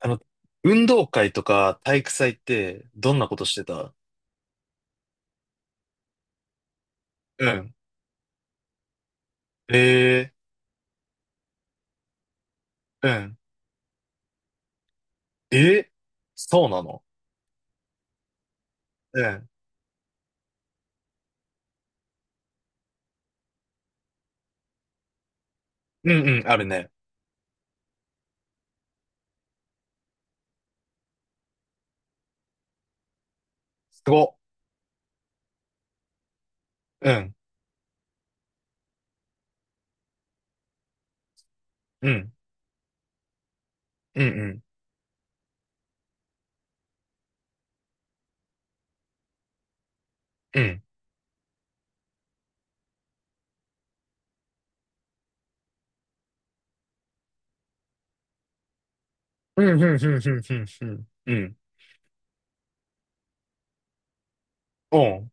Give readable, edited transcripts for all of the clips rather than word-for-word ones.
あの、運動会とか体育祭ってどんなことしてた？うん。えー、うん。え？そうなの？うん。うんうん、あるね。すご。うん。うん。うん。うん。うん。うん。うん。うん。うん。うん。うん。うん。おん。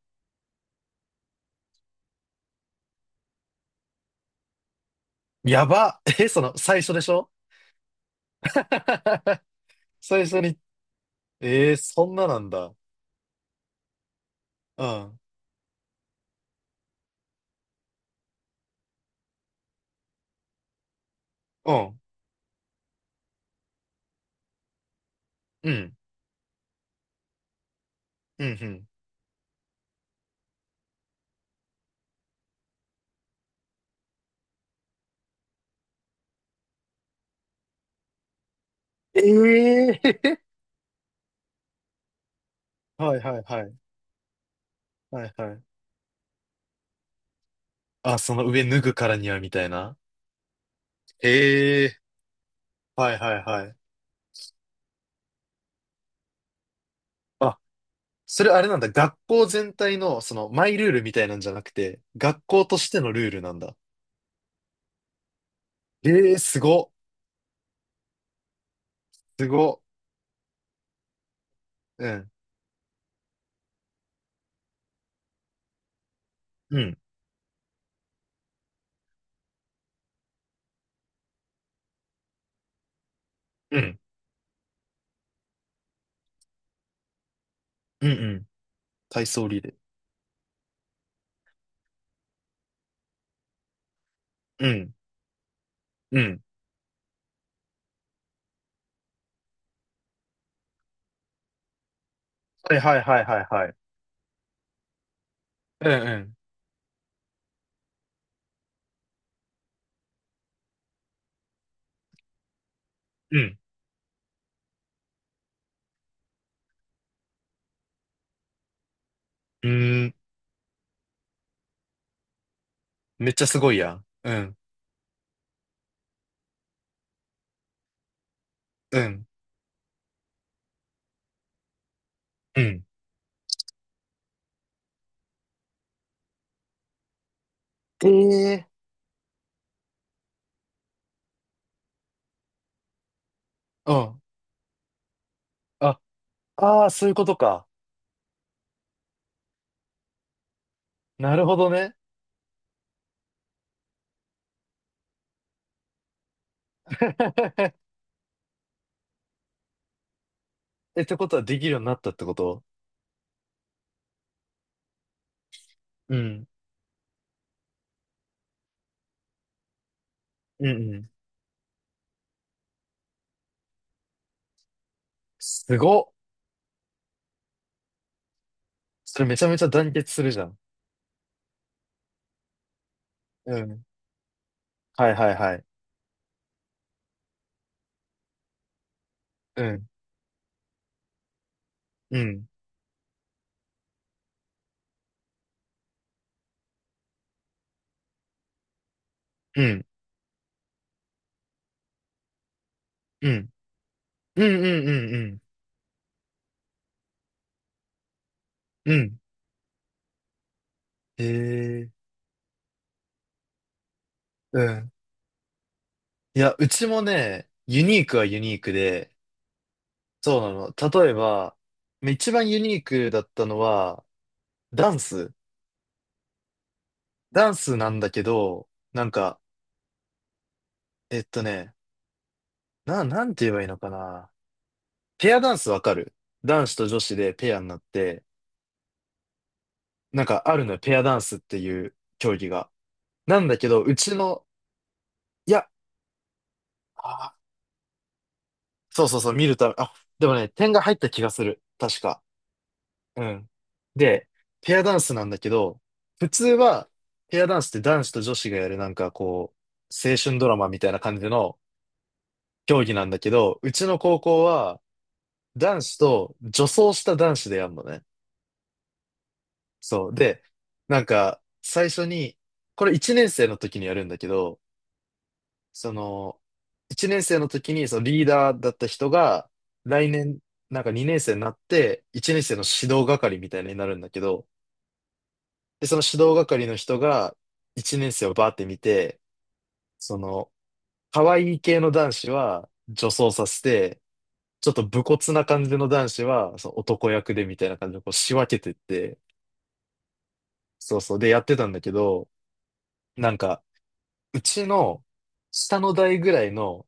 やば。え、その、最初でしょ？ 最初に。えー、そんななんだ。うん。うん。うん。うん。うん。ええー。はいはいはい。はいはい。あ、その上脱ぐからにはみたいな。ええ。はいはいはい。あ、それあれなんだ。学校全体の、その、マイルールみたいなんじゃなくて、学校としてのルールなんだ。ええー、すごっ。すごっ。うん。うん。うん。うんうん。体操リレー。うん。うん。はいはいはいはいはい。うんうん。うん。うーん。めっちゃすごいやん。うん。うん。うん。ええー。うん。あ、ああ、そういうことか。なるほどね。え、ってことはできるようになったってこと？うん。うんうん。すごっ。それめちゃめちゃ団結するじゃん。うん。はいはいはい。うん、うん、うん、うん、うん、うん、うん、うん。うん。へえ、うん。いや、うちもね、ユニークはユニークで、そうなの。例えば、一番ユニークだったのは、ダンス。ダンスなんだけど、なんか、えっとね、なんて言えばいいのかな。ペアダンスわかる？男子と女子でペアになって、なんかあるのよ、ペアダンスっていう競技が。なんだけど、うちの、いやあ、そうそうそう、見るた、あ、でもね、点が入った気がする。確か。うん。で、ペアダンスなんだけど、普通は、ペアダンスって男子と女子がやるなんかこう、青春ドラマみたいな感じの競技なんだけど、うちの高校は、男子と女装した男子でやるのね。そう。で、なんか、最初に、これ1年生の時にやるんだけど、その、1年生の時にそのリーダーだった人が、来年、なんか2年生になって、1年生の指導係みたいになるんだけど、で、その指導係の人が、1年生をバーって見て、その、可愛い系の男子は女装させて、ちょっと武骨な感じの男子は、その男役でみたいな感じでこう仕分けてって、そうそう、でやってたんだけど、なんか、うちの下の代ぐらいの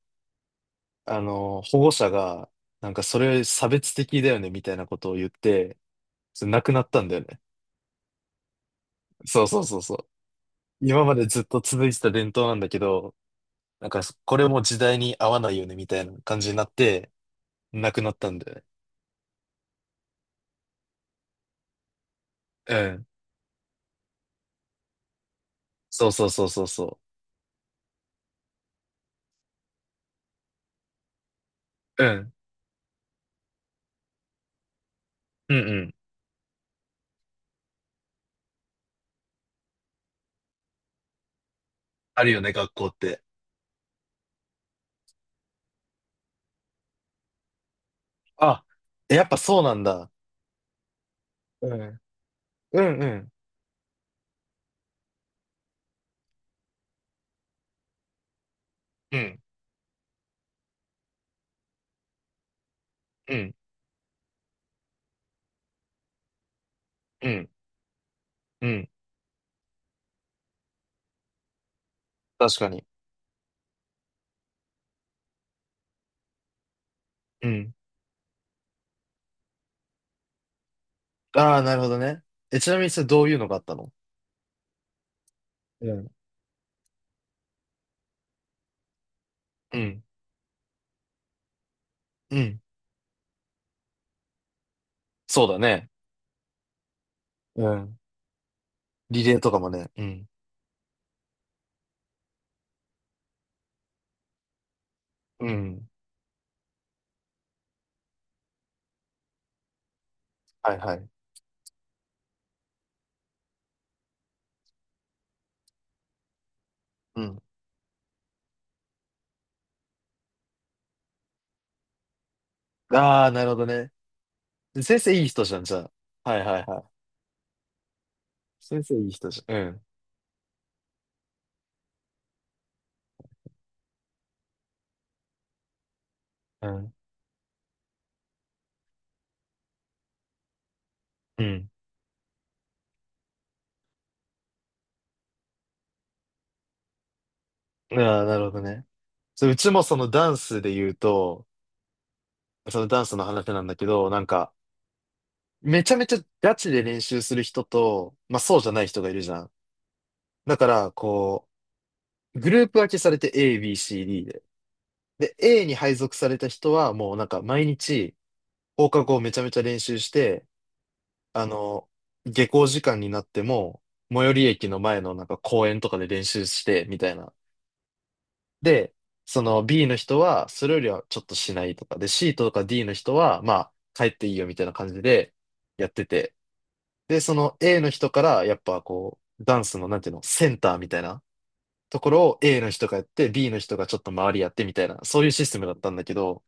保護者が、なんかそれ差別的だよねみたいなことを言って、それなくなったんだよね。そうそうそうそう。今までずっと続いてた伝統なんだけど、なんかそこれも時代に合わないよねみたいな感じになって、なくなったんだよね。うん。そうそうそうそうそう。うん。うんうん。あるよね、学校って。あ、やっぱそうなんだ。うん。うんうん。うん。うん。うん。うん。確かに。うん。ああ、なるほどね。え、ちなみにそれどういうのがあったの？うん。うん。うん。そうだね。うん。リレーとかもね。うん。うん。はいはい。うん。ああ、なるほどね。先生いい人じゃん、じゃあ。はいはいはい。先生いい人じゃん。うん。うん。うん。ああ、なるほどね。そう、うちもそのダンスで言うと、そのダンスの話なんだけど、なんか、めちゃめちゃガチで練習する人と、まあそうじゃない人がいるじゃん。だから、こう、グループ分けされて A、B、C、D で。で、A に配属された人はもうなんか毎日放課後めちゃめちゃ練習して、あの、下校時間になっても、最寄り駅の前のなんか公園とかで練習して、みたいな。で、その B の人は、それよりはちょっとしないとか、で、C とか D の人は、まあ、帰っていいよみたいな感じでやってて。で、その A の人から、やっぱこう、ダンスの、なんていうの、センターみたいなところを A の人がやって、B の人がちょっと周りやってみたいな、そういうシステムだったんだけど、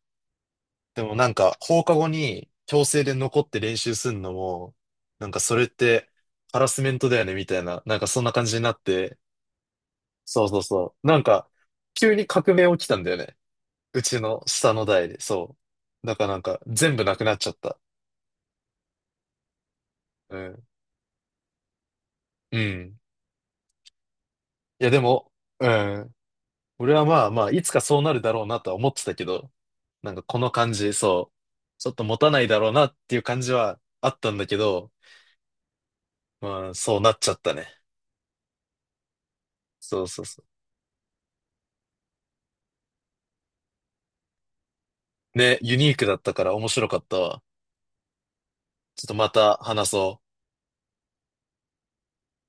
でもなんか放課後に強制で残って練習するのも、なんかそれってハラスメントだよねみたいな、なんかそんな感じになって、そうそうそう。なんか急に革命起きたんだよね。うちの下の代で、そう。だからなんか全部なくなっちゃった。うん。うん。いやでも、うん。俺はまあまあ、いつかそうなるだろうなとは思ってたけど、なんかこの感じ、そう。ちょっと持たないだろうなっていう感じはあったんだけど、まあそうなっちゃったね。そうそうそう。ね、ユニークだったから面白かったわ。ちょっとまた話そう。